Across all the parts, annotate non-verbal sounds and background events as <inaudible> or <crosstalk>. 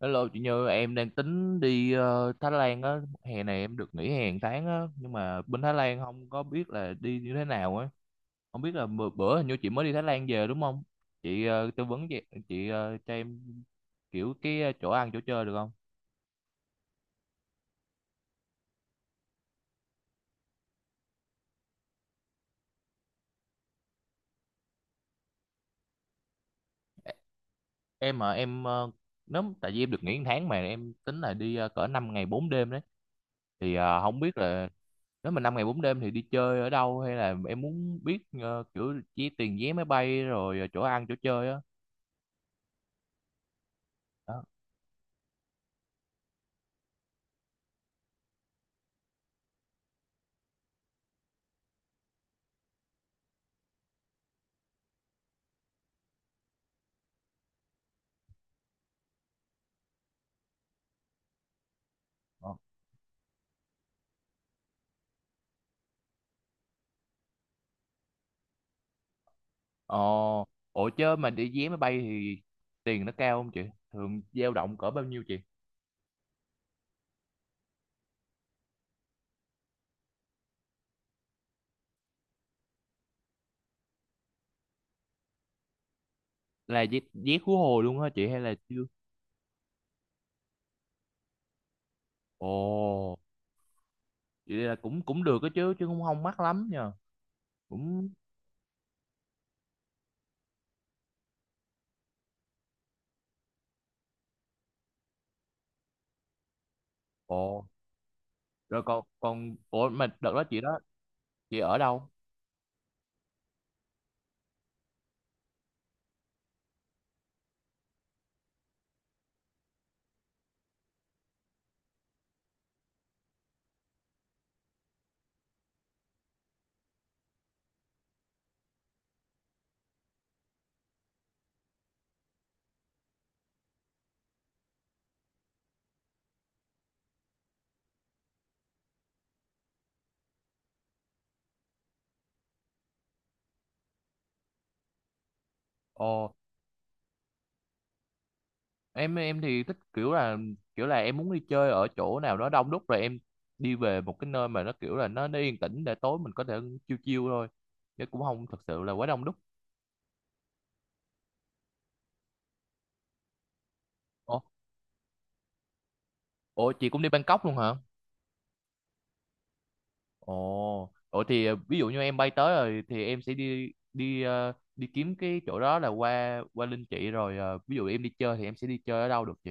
Hello chị Như, em đang tính đi Thái Lan á, hè này em được nghỉ hè một tháng á, nhưng mà bên Thái Lan không có biết là đi như thế nào á. Không biết là bữa hình như chị mới đi Thái Lan về đúng không? Chị tư vấn chị cho em kiểu cái chỗ ăn chỗ chơi được không? Em mà em nếu tại vì em được nghỉ một tháng mà em tính là đi cỡ 5 ngày 4 đêm đấy, thì không biết là nếu mà 5 ngày 4 đêm thì đi chơi ở đâu, hay là em muốn biết kiểu chi tiền vé máy bay rồi chỗ ăn chỗ chơi á? Ờ. Ờ, ủa chứ mà đi vé máy bay thì tiền nó cao không chị? Thường dao động cỡ bao nhiêu chị? Là vé khứ hồi luôn hả chị hay là chưa? Ồ, vậy là cũng cũng được đó chứ chứ cũng không mắc lắm nha. Cũng. Ồ, rồi còn còn ủa mà đợt đó chị ở đâu? Ồ, em thì thích kiểu là em muốn đi chơi ở chỗ nào đó đông đúc, rồi em đi về một cái nơi mà nó kiểu là nó yên tĩnh để tối mình có thể chill chill thôi. Chứ cũng không thật sự là quá đông đúc. Ồ, ủa chị cũng đi Bangkok luôn hả? Ồ, ủa thì ví dụ như em bay tới rồi thì em sẽ đi đi ờ, đi kiếm cái chỗ đó là qua qua Linh chị, rồi ví dụ em đi chơi thì em sẽ đi chơi ở đâu được chị?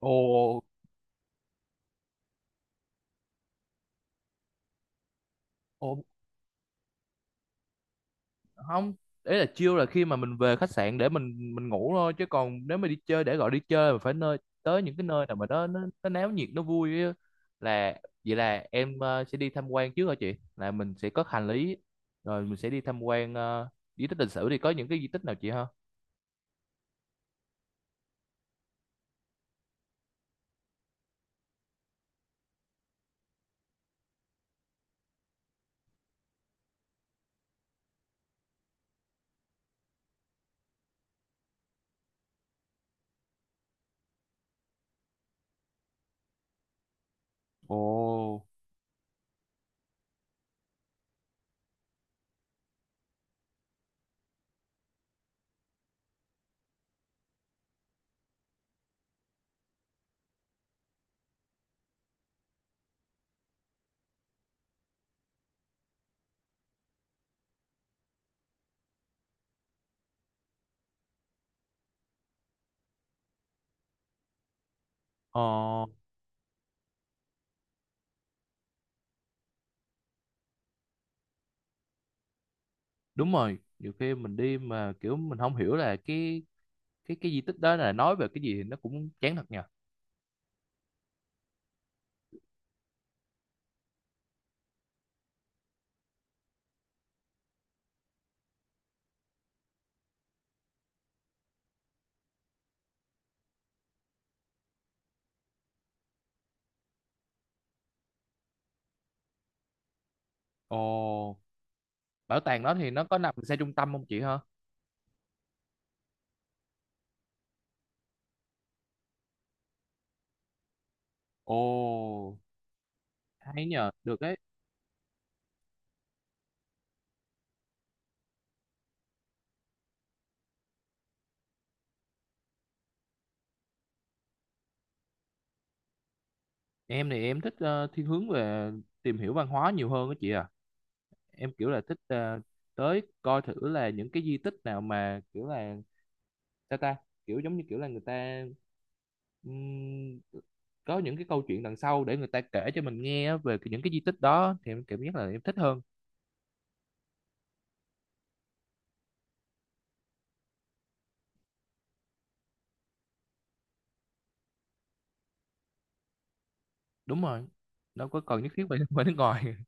Ồ, ồ, không, đấy là chill là khi mà mình về khách sạn để mình ngủ thôi, chứ còn nếu mà đi chơi, để gọi đi chơi mà phải tới những cái nơi nào mà nó náo nhiệt, nó vui á. Là vậy là em sẽ đi tham quan trước hả chị? Là mình sẽ có hành lý rồi mình sẽ đi tham quan di tích lịch sử, thì có những cái di tích nào chị ha? Ồ. Ờ. Đúng rồi, nhiều khi mình đi mà kiểu mình không hiểu là cái di tích đó là nói về cái gì thì nó cũng chán thật nhờ. Ồ, bảo tàng đó thì nó có nằm xa trung tâm không chị hả? Ồ, hay nhờ, được đấy. Em thì em thích thiên hướng về tìm hiểu văn hóa nhiều hơn đó chị à. Em kiểu là thích tới coi thử là những cái di tích nào mà kiểu là sao ta, kiểu giống như kiểu là người ta ừm, có những cái câu chuyện đằng sau để người ta kể cho mình nghe á về những cái di tích đó thì em cảm giác là em thích hơn. Đúng rồi, đâu có cần nhất thiết phải phải nước ngoài <laughs>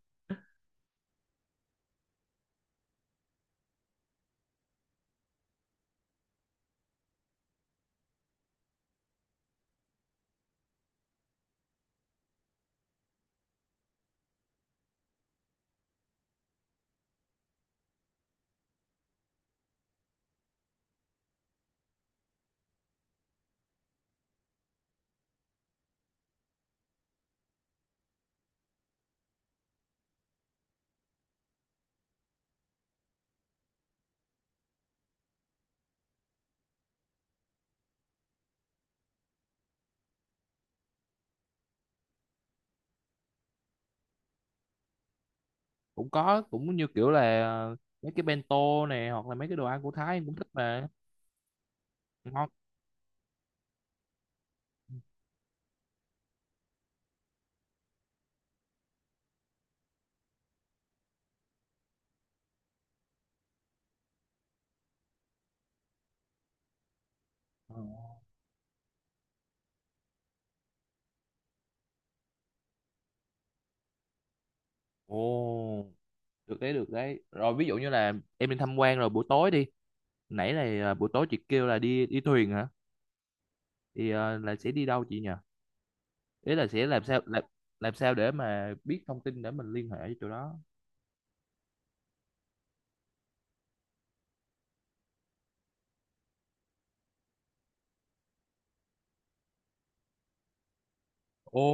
cũng có, cũng như kiểu là mấy cái bento này hoặc là mấy cái đồ ăn của Thái em cũng thích mà. Ngon. Ờ. Ồ, được đấy, được đấy. Rồi ví dụ như là em đi tham quan rồi buổi tối đi, nãy là buổi tối chị kêu là đi đi thuyền hả? Thì là sẽ đi đâu chị nhỉ? Ý là sẽ làm sao để mà biết thông tin để mình liên hệ với chỗ đó. Ồ,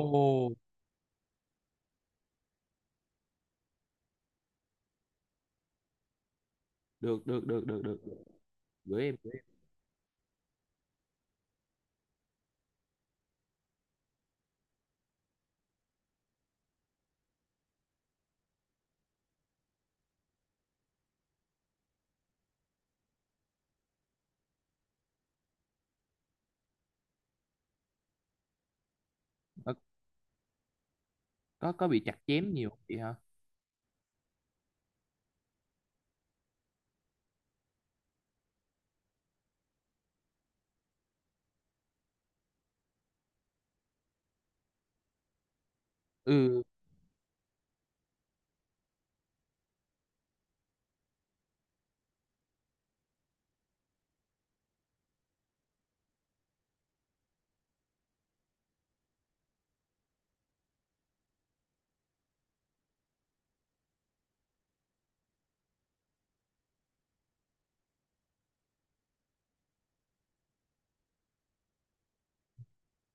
được, được, được, được, được, được. Gửi em, gửi em. Ờ, có bị chặt chém nhiều không chị hả? Ừ.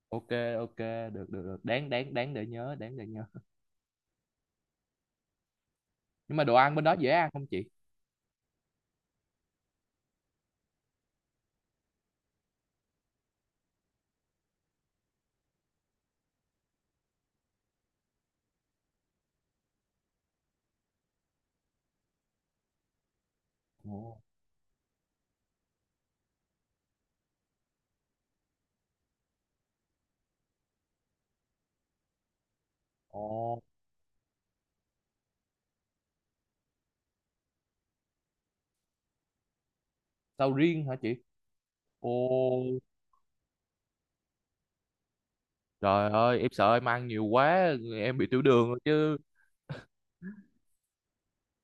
Ok, ok, được, được, được, đáng đáng đáng để nhớ, đáng để nhớ. Nhưng mà đồ ăn bên đó dễ ăn không chị? Ồ. Ồ, sầu riêng hả chị? Ồ, trời ơi, em sợ em ăn nhiều quá em bị tiểu đường rồi chứ.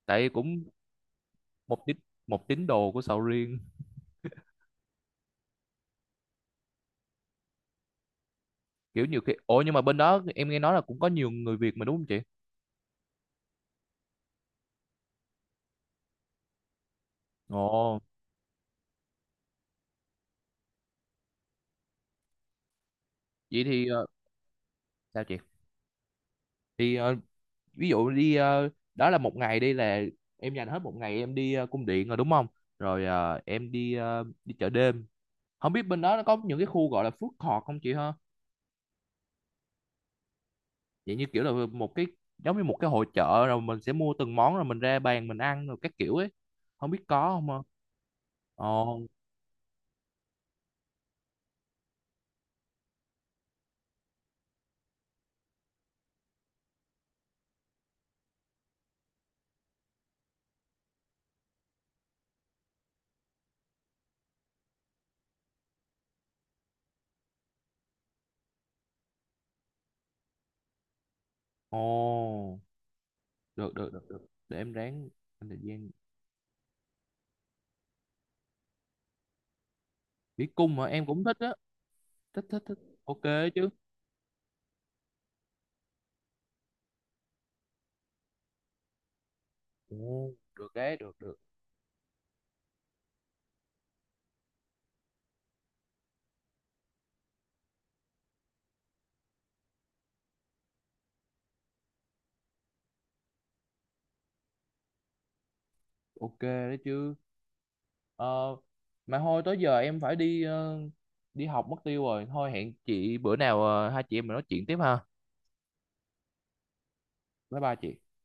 Tại cũng một tín một tín đồ của sầu riêng. Kiểu nhiều khi. Ồ, nhưng mà bên đó em nghe nói là cũng có nhiều người Việt mà đúng không chị? Ồ, vậy thì sao chị? Thì ví dụ đi đó là một ngày đi là em dành hết một ngày em đi cung điện rồi đúng không? Rồi em đi chợ đêm. Không biết bên đó nó có những cái khu gọi là food court không chị ha? Vậy như kiểu là một cái, giống như một cái hội chợ rồi mình sẽ mua từng món rồi mình ra bàn mình ăn rồi các kiểu ấy. Không biết có không ha? Ồ. Ồ, được, được, được, được, để em ráng dành thời gian. Đi cung hả? Em cũng thích á. Thích, thích, thích. Ok chứ. Ồ, được đấy, được, được. Ok đấy chứ. Ờ, mà thôi tới giờ em phải đi học mất tiêu rồi. Thôi hẹn chị bữa nào hai chị em mình nói chuyện tiếp ha. Bye bye chị.